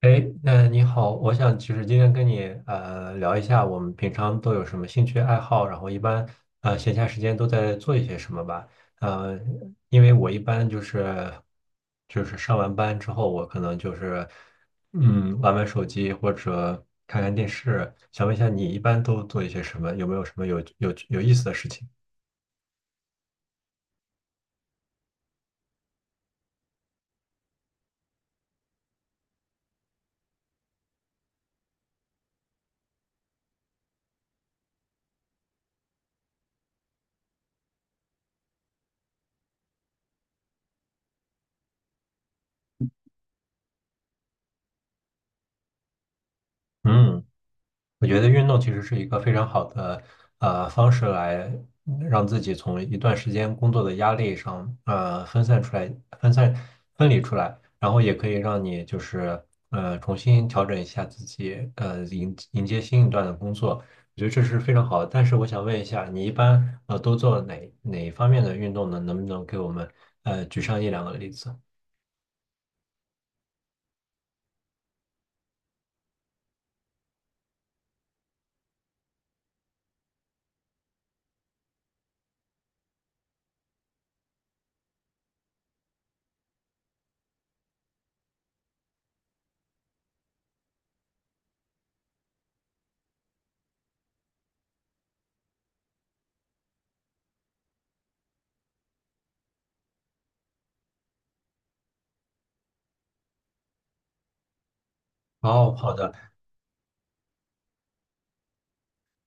哎，那你好，我想就是今天跟你聊一下，我们平常都有什么兴趣爱好，然后一般闲暇时间都在做一些什么吧。呃，因为我一般就是上完班之后，我可能就是嗯玩玩手机或者看看电视。想问一下，你一般都做一些什么？有没有什么有意思的事情？嗯。我觉得运动其实是一个非常好的方式来让自己从一段时间工作的压力上分散出来、分散分离出来，然后也可以让你就是重新调整一下自己迎接新一段的工作，我觉得这是非常好的。但是我想问一下，你一般都做哪一方面的运动呢？能不能给我们举上一两个例子？哦，好的。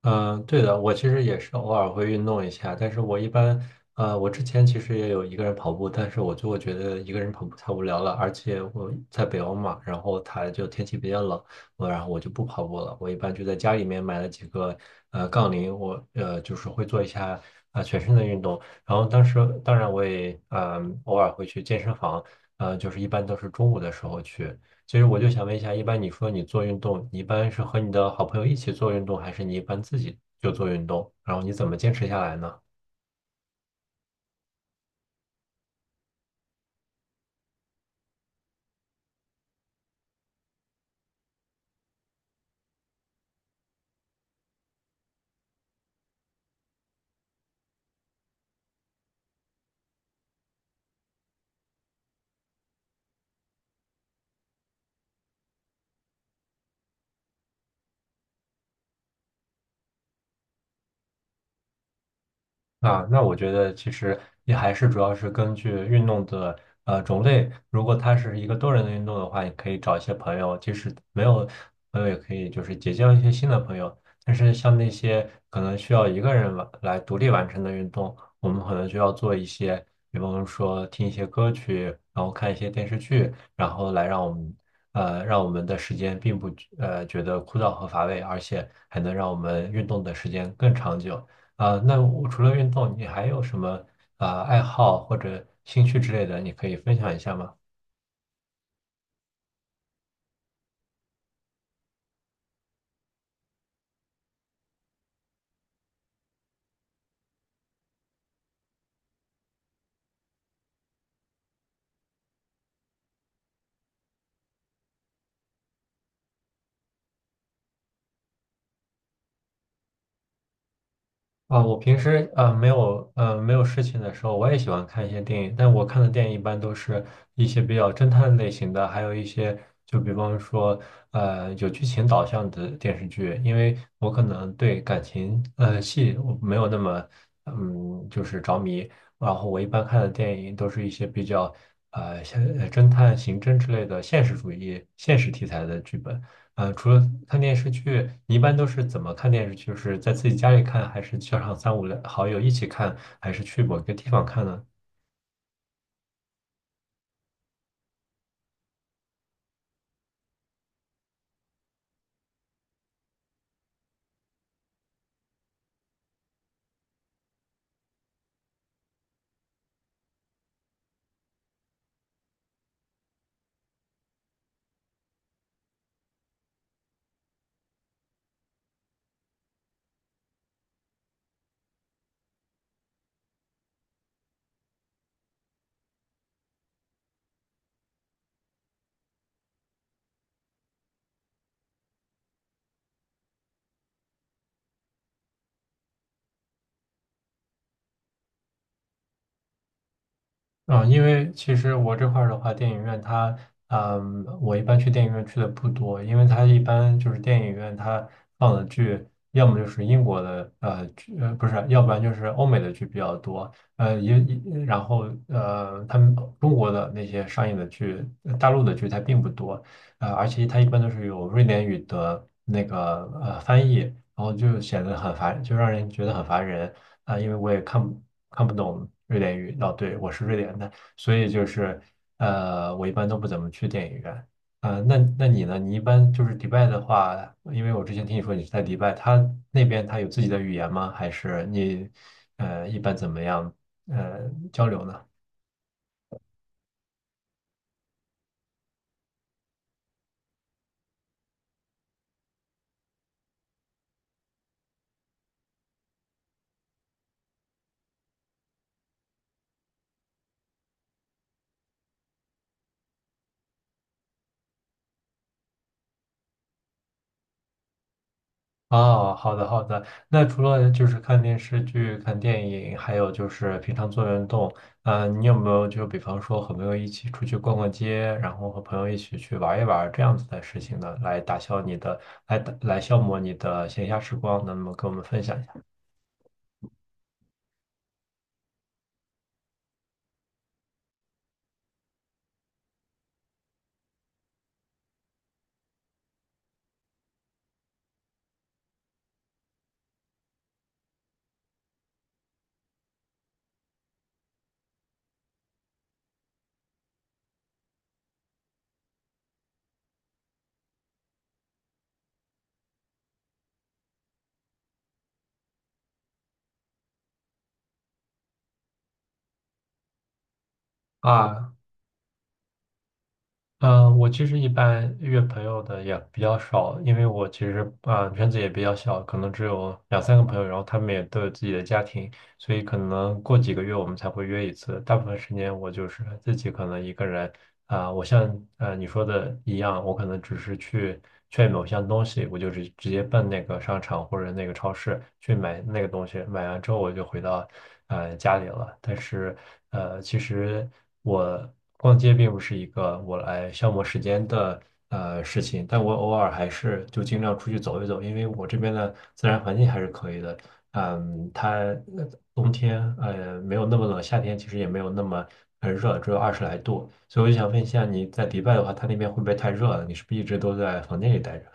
嗯，对的，我其实也是偶尔会运动一下，但是我一般，我之前其实也有一个人跑步，但是我就会觉得一个人跑步太无聊了，而且我在北欧嘛，然后它就天气比较冷，然后我就不跑步了，我一般就在家里面买了几个杠铃，我就是会做一下啊、全身的运动，然后当然我也偶尔会去健身房，就是一般都是中午的时候去。其实我就想问一下，一般你说你做运动，你一般是和你的好朋友一起做运动，还是你一般自己就做运动？然后你怎么坚持下来呢？啊，那我觉得其实也还是主要是根据运动的种类，如果它是一个多人的运动的话，你可以找一些朋友，即使没有朋友也可以就是结交一些新的朋友。但是像那些可能需要一个人独立完成的运动，我们可能就要做一些，比方说听一些歌曲，然后看一些电视剧，然后来让我们让我们的时间并不觉得枯燥和乏味，而且还能让我们运动的时间更长久。啊、那我除了运动，你还有什么啊、爱好或者兴趣之类的，你可以分享一下吗？啊，我平时没有事情的时候，我也喜欢看一些电影，但我看的电影一般都是一些比较侦探类型的，还有一些就比方说有剧情导向的电视剧，因为我可能对感情戏我没有那么嗯就是着迷，然后我一般看的电影都是一些比较呃像呃侦探、刑侦之类的现实主义、现实题材的剧本。除了看电视剧，你一般都是怎么看电视剧？就是在自己家里看，还是叫上三五好友一起看，还是去某个地方看呢？嗯，因为其实我这块儿的话，电影院它，嗯，我一般去电影院去的不多，因为它一般就是电影院它放的剧，要么就是英国的剧，呃不是，要不然就是欧美的剧比较多，呃也也然后呃他们中国的那些上映的剧，大陆的剧它并不多，而且它一般都是有瑞典语的那个翻译，然后就显得很烦，就让人觉得很烦人。啊、因为我也看不懂瑞典语。哦，对，我是瑞典的，所以就是我一般都不怎么去电影院。啊、那那你呢？你一般就是迪拜的话，因为我之前听你说你是在迪拜，他那边他有自己的语言吗？还是你一般怎么样呃交流呢？哦，好的好的。那除了就是看电视剧、看电影，还有就是平常做运动，你有没有就比方说和朋友一起出去逛逛街，然后和朋友一起去玩一玩这样子的事情呢，来消磨你的闲暇时光呢？那么跟我们分享一下。啊，嗯，我其实一般约朋友的也比较少，因为我其实啊、圈子也比较小，可能只有2、3个朋友，然后他们也都有自己的家庭，所以可能过几个月我们才会约一次。大部分时间我就是自己可能一个人，啊、我像你说的一样，我可能只是去劝某项东西，我就直接奔那个商场或者那个超市去买那个东西，买完之后我就回到家里了。但是其实我逛街并不是一个我来消磨时间的。事情，但我偶尔还是就尽量出去走一走，因为我这边的自然环境还是可以的。嗯，它冬天没有那么冷，夏天其实也没有那么很热，只有20来度。所以我就想问一下，你在迪拜的话，它那边会不会太热了？你是不是一直都在房间里待着？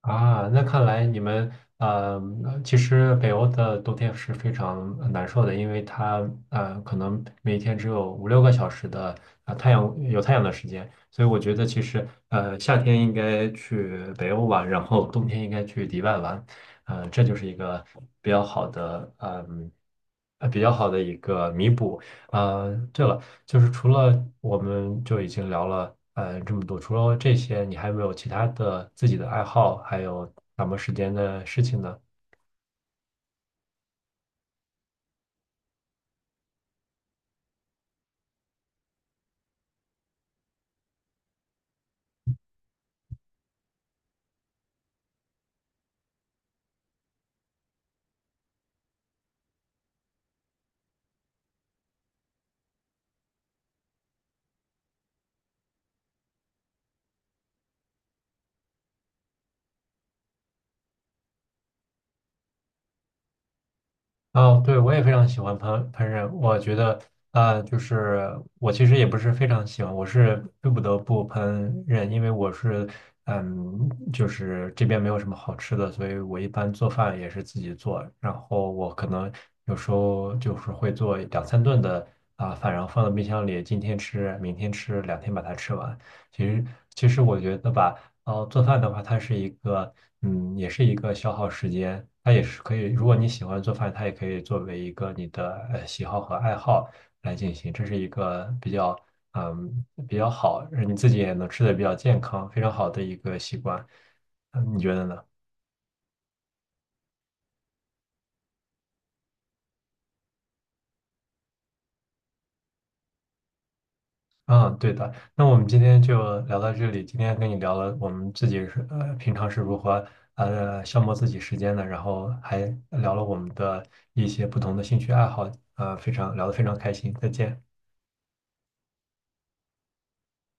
啊，那看来你们呃，其实北欧的冬天是非常难受的，因为它可能每天只有5、6个小时的啊、太阳有太阳的时间，所以我觉得其实夏天应该去北欧玩，然后冬天应该去迪拜玩，这就是一个比较好的一个弥补。对了，就是除了我们已经聊了这么多，除了这些，你还有没有其他的自己的爱好，还有打磨时间的事情呢？哦，对，我也非常喜欢烹饪。我觉得，啊，就是我其实也不是非常喜欢，我是不得不烹饪，因为我是，嗯，就是这边没有什么好吃的，所以我一般做饭也是自己做。然后我可能有时候就是会做2、3顿的啊、饭，然后放到冰箱里，今天吃，明天吃，两天把它吃完。其实，其实我觉得吧。然后做饭的话，它是一个，嗯，也是一个消耗时间，它也是可以，如果你喜欢做饭，它也可以作为一个你的喜好和爱好来进行，这是一个比较，嗯，比较好，让你自己也能吃的比较健康，非常好的一个习惯，嗯，你觉得呢？嗯，对的。那我们今天就聊到这里。今天跟你聊了我们自己是平常是如何消磨自己时间的，然后还聊了我们的一些不同的兴趣爱好，非常聊得非常开心。再见。